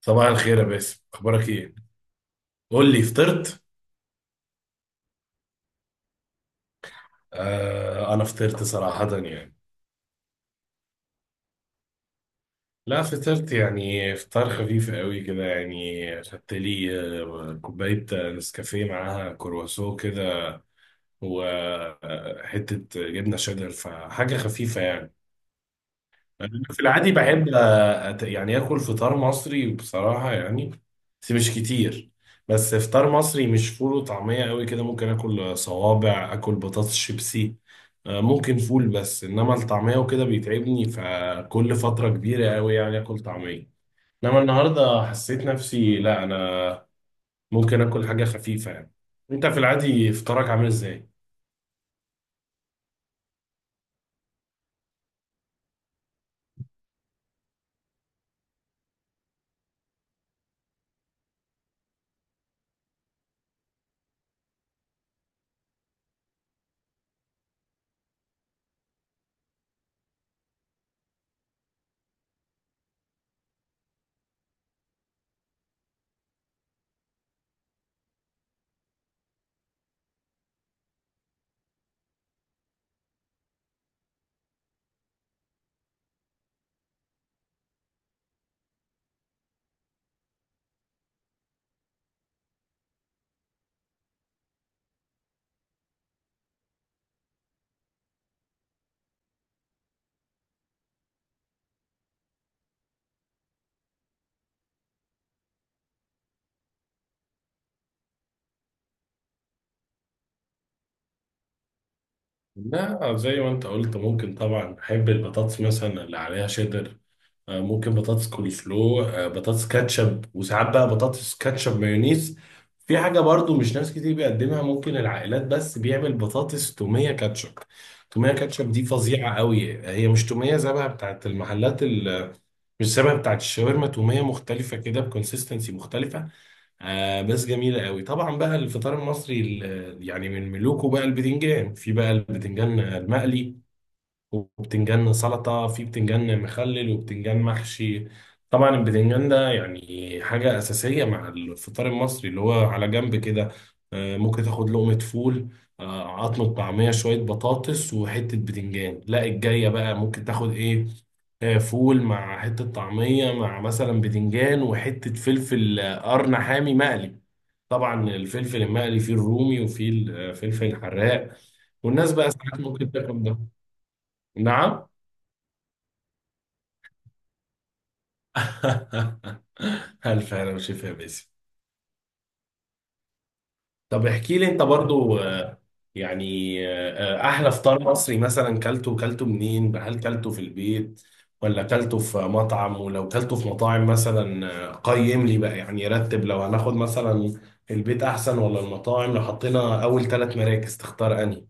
صباح الخير يا باسم، اخبارك ايه؟ قول لي، فطرت؟ آه، انا فطرت صراحة يعني. لا فطرت يعني فطار خفيف قوي كده يعني خدت لي كوباية نسكافيه معاها كرواسون كده، وحتة جبنة شيدر فحاجة خفيفة يعني. أنا في العادي بحب يعني آكل فطار مصري بصراحة يعني، بس مش كتير. بس فطار مصري مش فول وطعمية قوي كده، ممكن آكل صوابع آكل بطاطس شيبسي. ممكن فول، بس إنما الطعمية وكده بيتعبني، فكل فترة كبيرة قوي يعني آكل طعمية. إنما النهاردة حسيت نفسي لا، أنا ممكن آكل حاجة خفيفة يعني. أنت في العادي فطارك عامل إزاي؟ لا، زي ما انت قلت ممكن طبعا، بحب البطاطس مثلا اللي عليها شيدر، ممكن بطاطس كول سلو، بطاطس كاتشب، وساعات بقى بطاطس كاتشب مايونيز. في حاجة برضو مش ناس كتير بيقدمها، ممكن العائلات بس بيعمل بطاطس تومية كاتشب. تومية كاتشب دي فظيعة قوي، هي مش تومية زبها بتاعت المحلات مش شبه بتاعت الشاورما، تومية مختلفة كده بكونسيستنسي مختلفة. آه بس جميلة قوي. طبعا بقى الفطار المصري يعني من ملوكه بقى البتنجان، في بقى البتنجان المقلي، وبتنجان سلطة، في بتنجان مخلل، وبتنجان محشي. طبعا البتنجان ده يعني حاجة أساسية مع الفطار المصري اللي هو على جنب كده. ممكن تاخد لقمة فول، عظمة طعمية، شوية بطاطس، وحتة بتنجان. لا الجاية بقى ممكن تاخد إيه؟ فول مع حتة طعمية، مع مثلا بتنجان، وحتة فلفل، قرن حامي مقلي. طبعا الفلفل المقلي فيه الرومي وفيه الفلفل الحراق. والناس بقى ساعات ممكن تاكل ده. نعم. ألف هلا وشفا يا باسم. طب احكي لي أنت برضو يعني أحلى فطار مصري مثلا كلته منين؟ هل كلته في البيت ولا كلته في مطعم؟ ولو كلته في مطاعم مثلا، قيم لي بقى، يعني رتب، لو هناخد مثلا البيت أحسن ولا المطاعم، لو حطينا أول ثلاث مراكز تختار أنهي؟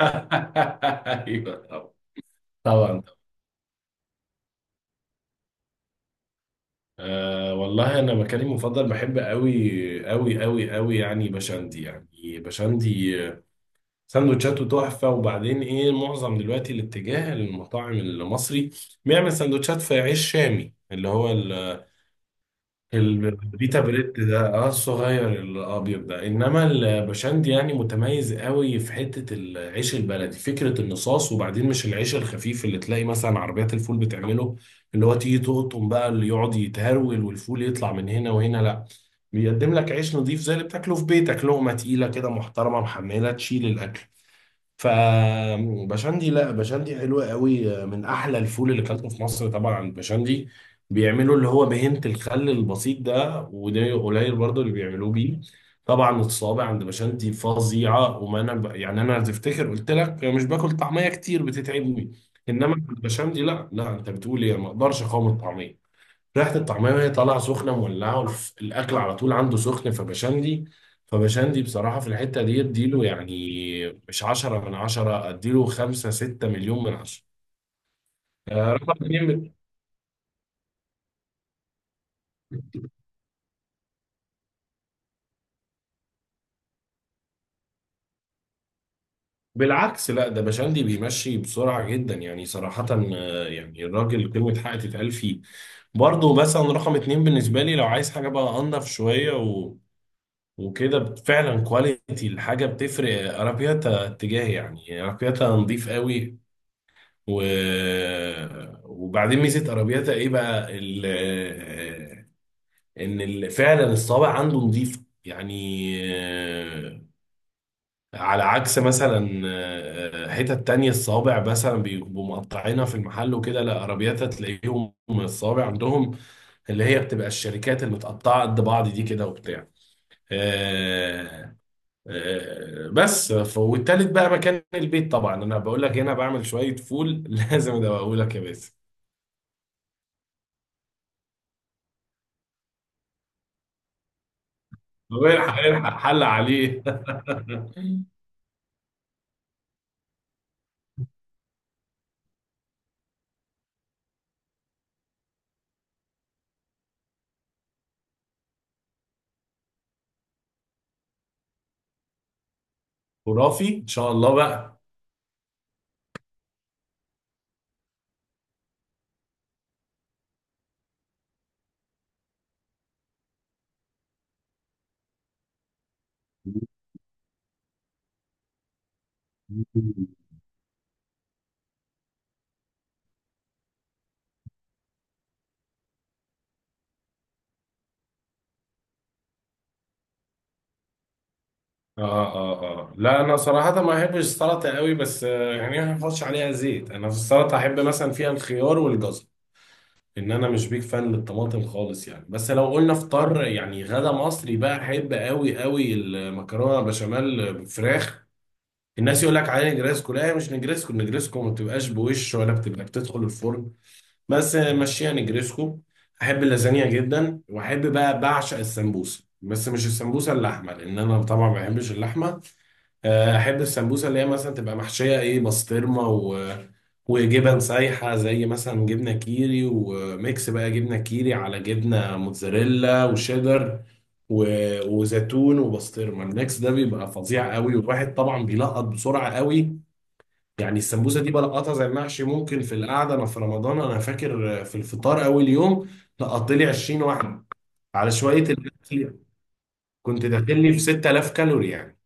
أيوه، طبعا. أه والله انا مكاني المفضل بحب قوي قوي قوي قوي، يعني بشندي، يعني بشندي. سندوتشاته تحفه. وبعدين ايه، معظم دلوقتي الاتجاه للمطاعم المصري بيعمل سندوتشات في عيش شامي اللي هو البيتا بريد ده، الصغير الابيض ده. انما البشندي يعني متميز قوي في حته العيش البلدي، فكره النصاص، وبعدين مش العيش الخفيف اللي تلاقي مثلا عربيات الفول بتعمله، اللي هو تيجي تقطم بقى اللي يقعد يتهرول، والفول يطلع من هنا وهنا. لا، بيقدم لك عيش نظيف زي اللي بتاكله في بيتك، لقمه تقيله كده محترمه، محمله، تشيل الاكل. فبشندي، لا بشندي حلوة قوي، من احلى الفول اللي اكلته في مصر طبعا بشندي. بيعملوا اللي هو بهنة الخل البسيط ده، وده قليل برضه اللي بيعملوه بيه. طبعا الصوابع عند بشندي فظيعة. يعني انا تفتكر قلت لك مش باكل طعمية كتير بتتعبني، انما عند بشندي لا لا، انت بتقول ايه، أنا ما اقدرش اقاوم الطعمية. ريحة الطعمية وهي طالعة سخنة مولعة، الأكل على طول عنده سخن. فبشندي، فبشندي بصراحة في الحتة دي اديله يعني مش عشرة من عشرة، اديله خمسة ستة مليون من عشرة. رقم اتنين، بالعكس لا ده بشندي بيمشي بسرعة جدا يعني صراحة، يعني الراجل كلمة حق تتقال فيه. برضه مثلا رقم اتنين بالنسبة لي، لو عايز حاجة بقى أنضف شوية وكده، فعلا كواليتي الحاجة بتفرق. أرابياتا اتجاهي، يعني أرابياتا نظيف قوي. و... وبعدين ميزه ارابياتا ايه بقى، ان فعلا الصابع عنده نظيف يعني. آه، على عكس مثلا، حتت تانية الصابع مثلا بيبقوا مقطعينها في المحل وكده. لا ارابياتا تلاقيهم الصابع عندهم اللي هي بتبقى الشركات المتقطعه قد بعض دي كده وبتاع. آه، والتالت بقى مكان البيت، طبعا انا بقول لك هنا بعمل شويه فول لازم ابقى اقول لك يا باسم. هو يلحق حل عليه. خرافي ان شاء الله بقى. اه اه اه، لا انا صراحة ما احبش السلطة قوي بس، يعني ما احفظش عليها زيت، انا في السلطة احب مثلا فيها الخيار والجزر، ان انا مش بيك فان للطماطم خالص يعني. بس لو قلنا فطار يعني غدا مصري بقى، احب قوي قوي المكرونة بشاميل بفراخ. الناس يقول لك عليه نجريسكو، لا هي مش نجريسكو. نجريسكو ما بتبقاش بوش ولا بتبقى بتدخل الفرن، بس مشيها نجريسكو. احب اللازانيا جدا، واحب بقى بعشق السمبوسه، بس مش السمبوسه اللحمه لان انا طبعا ما بحبش اللحمه. احب السمبوسه اللي هي مثلا تبقى محشيه ايه، بسطرمه وجبن سايحه، زي مثلا جبنه كيري، وميكس بقى جبنه كيري على جبنه موتزاريلا وشيدر، و... وزيتون وبسطرمه. الميكس ده بيبقى فظيع قوي، والواحد طبعا بيلقط بسرعه قوي يعني. السمبوسه دي بلقطها زي المحشي ممكن في القعده. انا في رمضان، انا فاكر في الفطار اول يوم لقطت لي 20 واحده، على شويه الاكل كنت داخل لي في 6,000 كالوري يعني.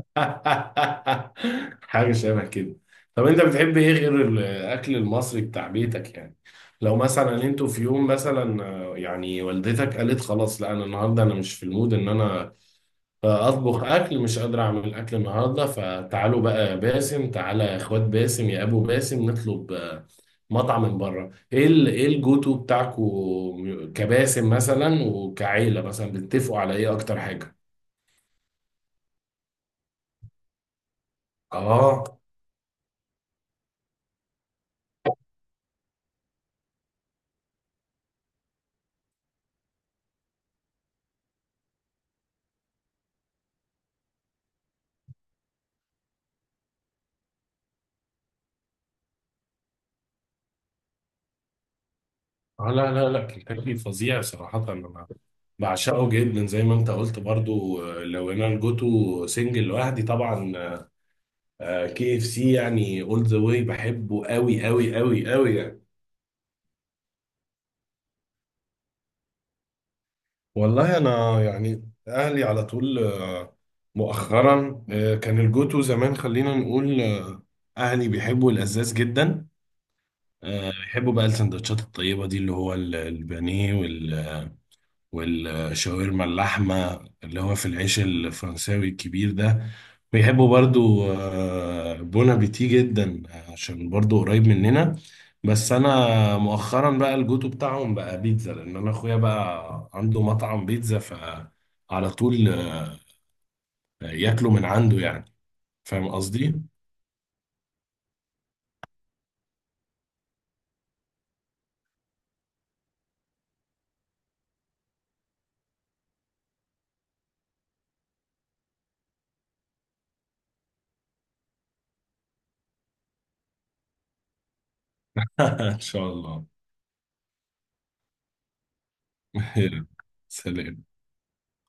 حاجه شبه كده. طب انت بتحب ايه غير الاكل المصري بتاع بيتك يعني؟ لو مثلا انتوا في يوم مثلا، يعني والدتك قالت خلاص، لا انا النهارده انا مش في المود ان انا فاطبخ اكل، مش قادر اعمل اكل النهارده، فتعالوا بقى يا باسم، تعالى يا اخوات باسم، يا ابو باسم نطلب، مطعم من بره. ايه ايه الجوتو بتاعكو كباسم مثلا وكعيله، مثلا بتتفقوا على ايه اكتر حاجه؟ اه. لا لا لا، كنتاكي فظيع صراحه. انا بعشقه جدا زي ما انت قلت برضو. لو انا الجوتو سنجل لوحدي طبعا كي اف سي، يعني اول ذا واي، بحبه قوي قوي قوي قوي يعني. والله انا يعني اهلي على طول، مؤخرا، كان الجوتو زمان خلينا نقول، اهلي بيحبوا الازاز جدا. بيحبوا بقى السندوتشات الطيبه دي اللي هو البانيه والشاورما اللحمة، اللي هو في العيش الفرنساوي الكبير ده. بيحبوا برضو بون ابيتي جدا عشان برضو قريب مننا. بس انا مؤخرا بقى الجوتو بتاعهم بقى بيتزا، لان انا اخويا بقى عنده مطعم بيتزا، فعلى طول ياكلوا من عنده يعني. فاهم قصدي؟ ان شاء الله. سلام.